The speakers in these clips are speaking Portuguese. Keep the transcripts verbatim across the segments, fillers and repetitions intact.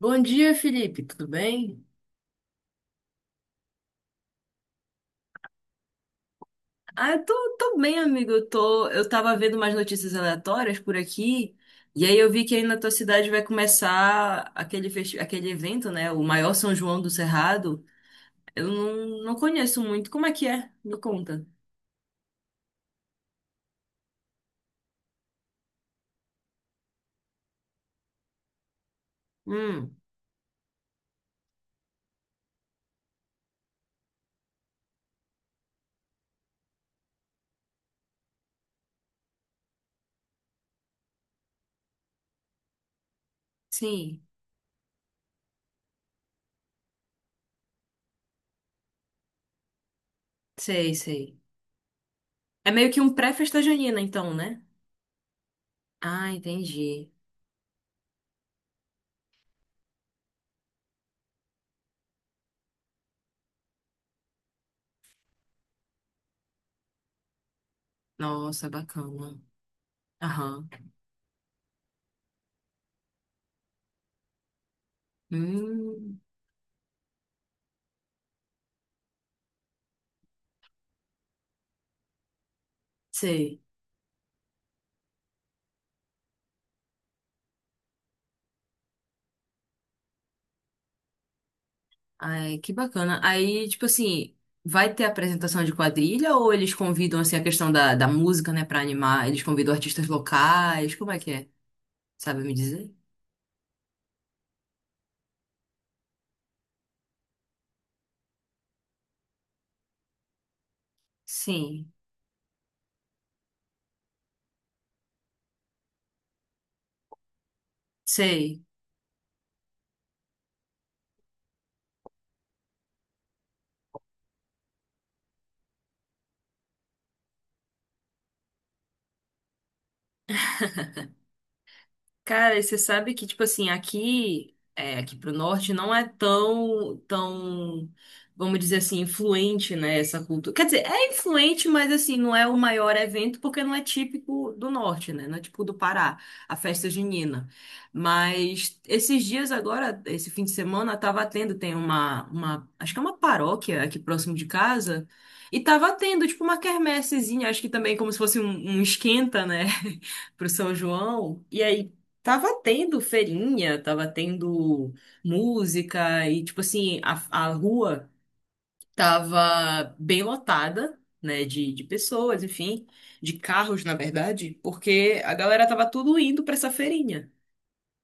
Bom dia, Felipe, tudo bem? Ah, eu tô, tô bem, amigo. Eu tô, eu tava vendo umas notícias aleatórias por aqui, e aí eu vi que aí na tua cidade vai começar aquele, festi- aquele evento, né? O maior São João do Cerrado. Eu não, não conheço muito. Como é que é? Me conta. Hum, sim, sei, sei. É meio que um pré-festa junina, então, né? Ah, entendi. Nossa, bacana. Aham. Hum, sei. Ai, que bacana. Aí, tipo assim, vai ter apresentação de quadrilha ou eles convidam, assim, a questão da, da música, né, pra animar? Eles convidam artistas locais? Como é que é? Sabe me dizer? Sim, sei. Cara, e você sabe que, tipo assim, aqui, é, aqui pro norte não é tão, tão, vamos dizer assim, influente, né, essa cultura. Quer dizer, é influente, mas assim, não é o maior evento porque não é típico do norte, né? Não é típico do Pará, a festa junina. Mas esses dias agora, esse fim de semana, tava tendo, tem uma, uma, acho que é uma paróquia aqui próximo de casa, e tava tendo, tipo, uma quermessezinha, acho que também como se fosse um um esquenta, né? pro São João. E aí tava tendo feirinha, tava tendo música e, tipo assim, a, a rua tava bem lotada, né, de, de pessoas, enfim, de carros, na verdade, porque a galera tava tudo indo pra essa feirinha.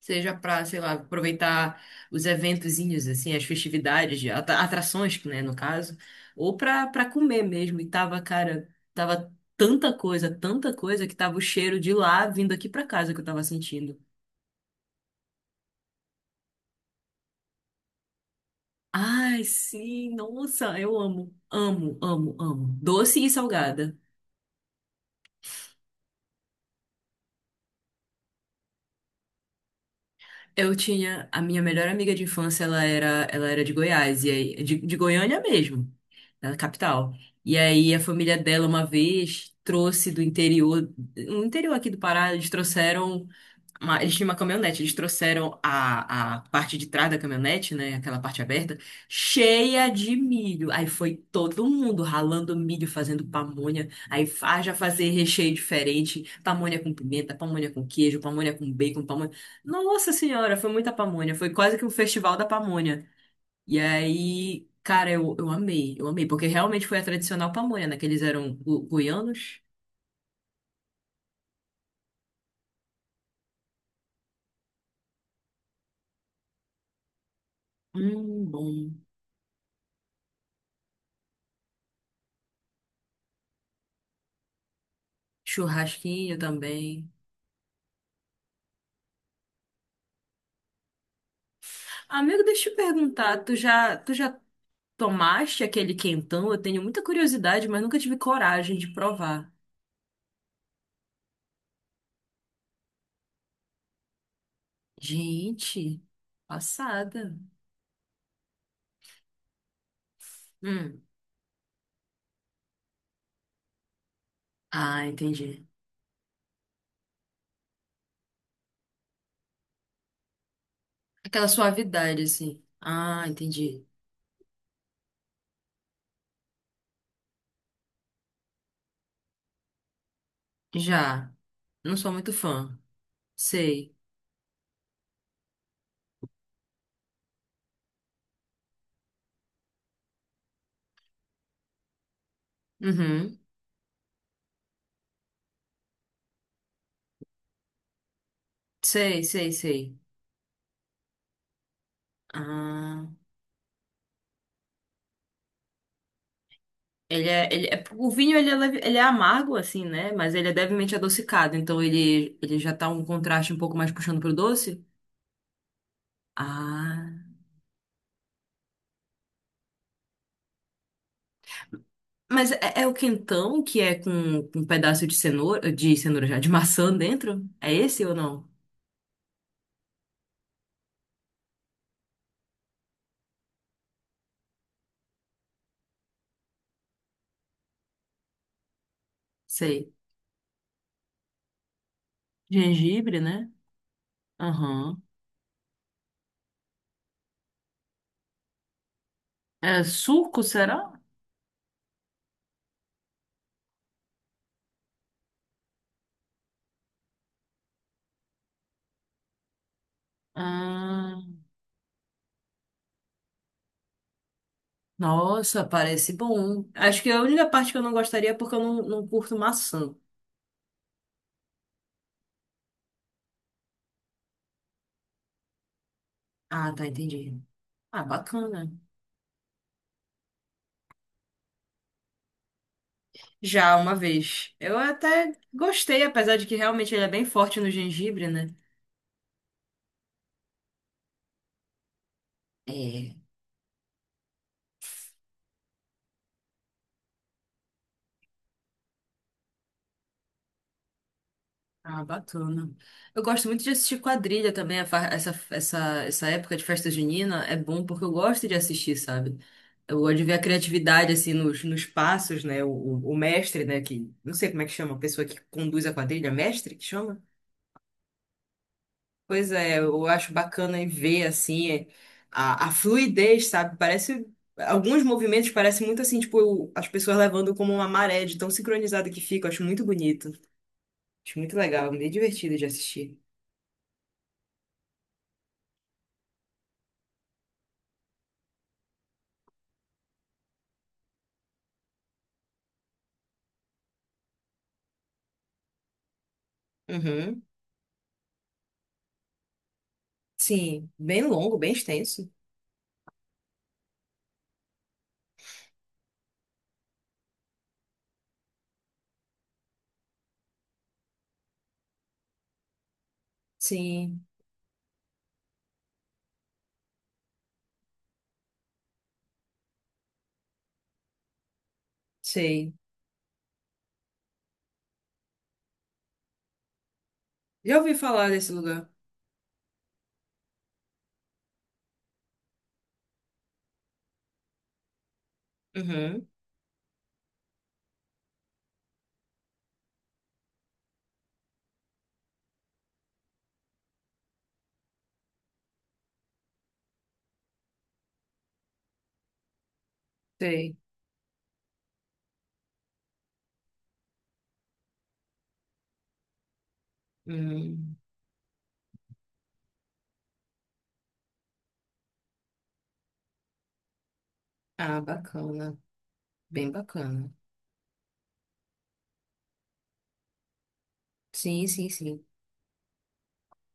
Seja pra, sei lá, aproveitar os eventozinhos, assim, as festividades, de atra- atrações, né, no caso, ou pra, pra comer mesmo. E tava, cara, tava tanta coisa, tanta coisa que tava o cheiro de lá vindo aqui pra casa que eu tava sentindo. Ai, sim, nossa, eu amo, amo, amo, amo. Doce e salgada. Eu tinha a minha melhor amiga de infância, ela era, ela era de Goiás, e aí, de, de Goiânia mesmo, da capital. E aí a família dela uma vez trouxe do interior, no interior aqui do Pará, eles trouxeram uma- eles tinham uma caminhonete, eles trouxeram a, a parte de trás da caminhonete, né? Aquela parte aberta, cheia de milho. Aí foi todo mundo ralando milho, fazendo pamonha. Aí haja fazer recheio diferente: pamonha com pimenta, pamonha com queijo, pamonha com bacon, pamonha. Nossa Senhora, foi muita pamonha. Foi quase que um festival da pamonha. E aí, cara, eu, eu amei, eu amei, porque realmente foi a tradicional pamonha, né? Que eles eram gu- guianos. Hum, bom. Churrasquinho também. Amigo, deixa eu te perguntar, tu já, tu já tomaste aquele quentão? Eu tenho muita curiosidade, mas nunca tive coragem de provar. Gente, passada. Hum. Ah, entendi. Aquela suavidade, assim. Ah, entendi. Já. Não sou muito fã. Sei. Uhum. Sei, sei, sei. Ah. Ele é, ele é, o vinho ele é, leve- ele é amargo assim, né? Mas ele é levemente adocicado, então ele, ele já tá um contraste um pouco mais puxando pro doce. Ah, mas é, é o quentão que é com, com um pedaço de cenoura, de cenoura já, de maçã dentro? É esse ou não? Sei. Gengibre, né? Aham. É suco, será? Ah, nossa, parece bom. Acho que é a única parte que eu não gostaria é porque eu não, não curto maçã. Ah, tá, entendi. Ah, bacana. Já uma vez. Eu até gostei, apesar de que realmente ele é bem forte no gengibre, né? É. Ah, bacana. Eu gosto muito de assistir quadrilha também, a fa- essa, essa, essa época de festa junina é bom porque eu gosto de assistir, sabe? Eu gosto de ver a criatividade, assim, nos, nos passos, né? O, o, o mestre, né? Que, não sei como é que chama, a pessoa que conduz a quadrilha, mestre que chama? Pois é, eu acho bacana em ver, assim, é, a, a fluidez, sabe? Parece, alguns movimentos parecem muito assim, tipo, o- as pessoas levando como uma maré de tão sincronizada que fica, eu acho muito bonito. Acho muito legal, meio divertido de assistir. Uhum. Sim, bem longo, bem extenso. Sim, sei. Já ouvi falar desse lugar. Uhum, sei. Hum, Ah, bacana. Bem bacana. Sim, sim, sim.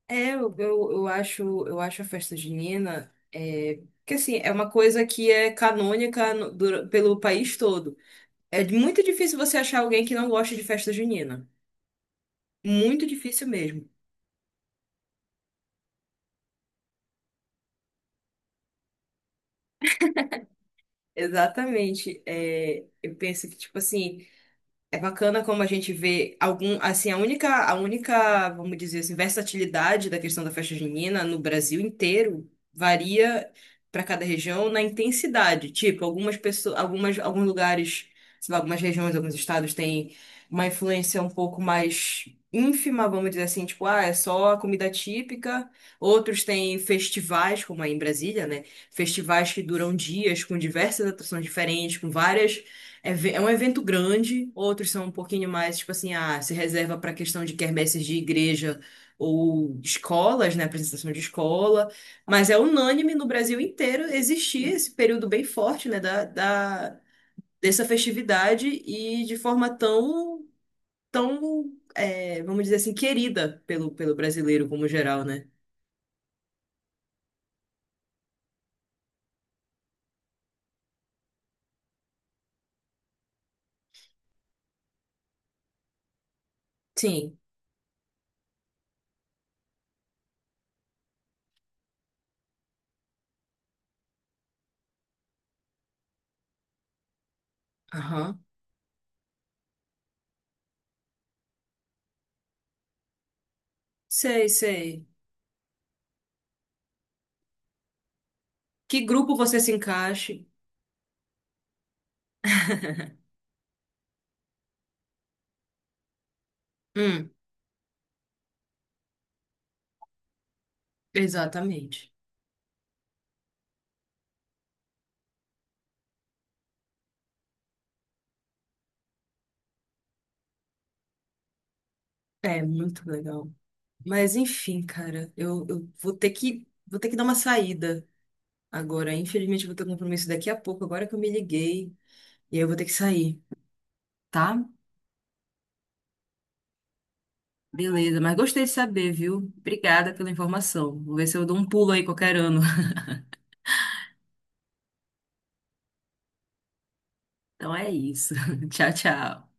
É, eu, eu, eu acho, eu acho a festa junina, é, que assim, é uma coisa que é canônica no- dura- pelo país todo. É muito difícil você achar alguém que não gosta de festa junina. Muito difícil mesmo. Exatamente. É, eu penso que, tipo assim, é bacana como a gente vê algum, assim, a única, a única, vamos dizer assim, versatilidade da questão da festa junina no Brasil inteiro varia para cada região na intensidade. Tipo, algumas pessoas, algumas, alguns lugares, sei lá, algumas regiões, alguns estados têm uma influência um pouco mais ínfima, vamos dizer assim, tipo, ah, é só a comida típica. Outros têm festivais, como aí em Brasília, né? Festivais que duram dias com diversas atrações diferentes, com várias é ve- é um evento grande, outros são um pouquinho mais, tipo assim, ah, se reserva para questão de quermesses de igreja ou escolas, né, apresentação de escola, mas é unânime no Brasil inteiro existir esse período bem forte, né, da, da- dessa festividade e de forma tão, tão, é, vamos dizer assim, querida pelo, pelo brasileiro como geral, né? Sim. Aham. Sei, sei. Que grupo você se encaixe? Hum, exatamente. É muito legal. Mas enfim, cara, eu, eu vou ter que, vou ter que dar uma saída agora. Infelizmente, eu vou ter um compromisso daqui a pouco, agora que eu me liguei. E aí eu vou ter que sair, tá? Beleza, mas gostei de saber, viu? Obrigada pela informação. Vou ver se eu dou um pulo aí qualquer ano. Então é isso. Tchau, tchau.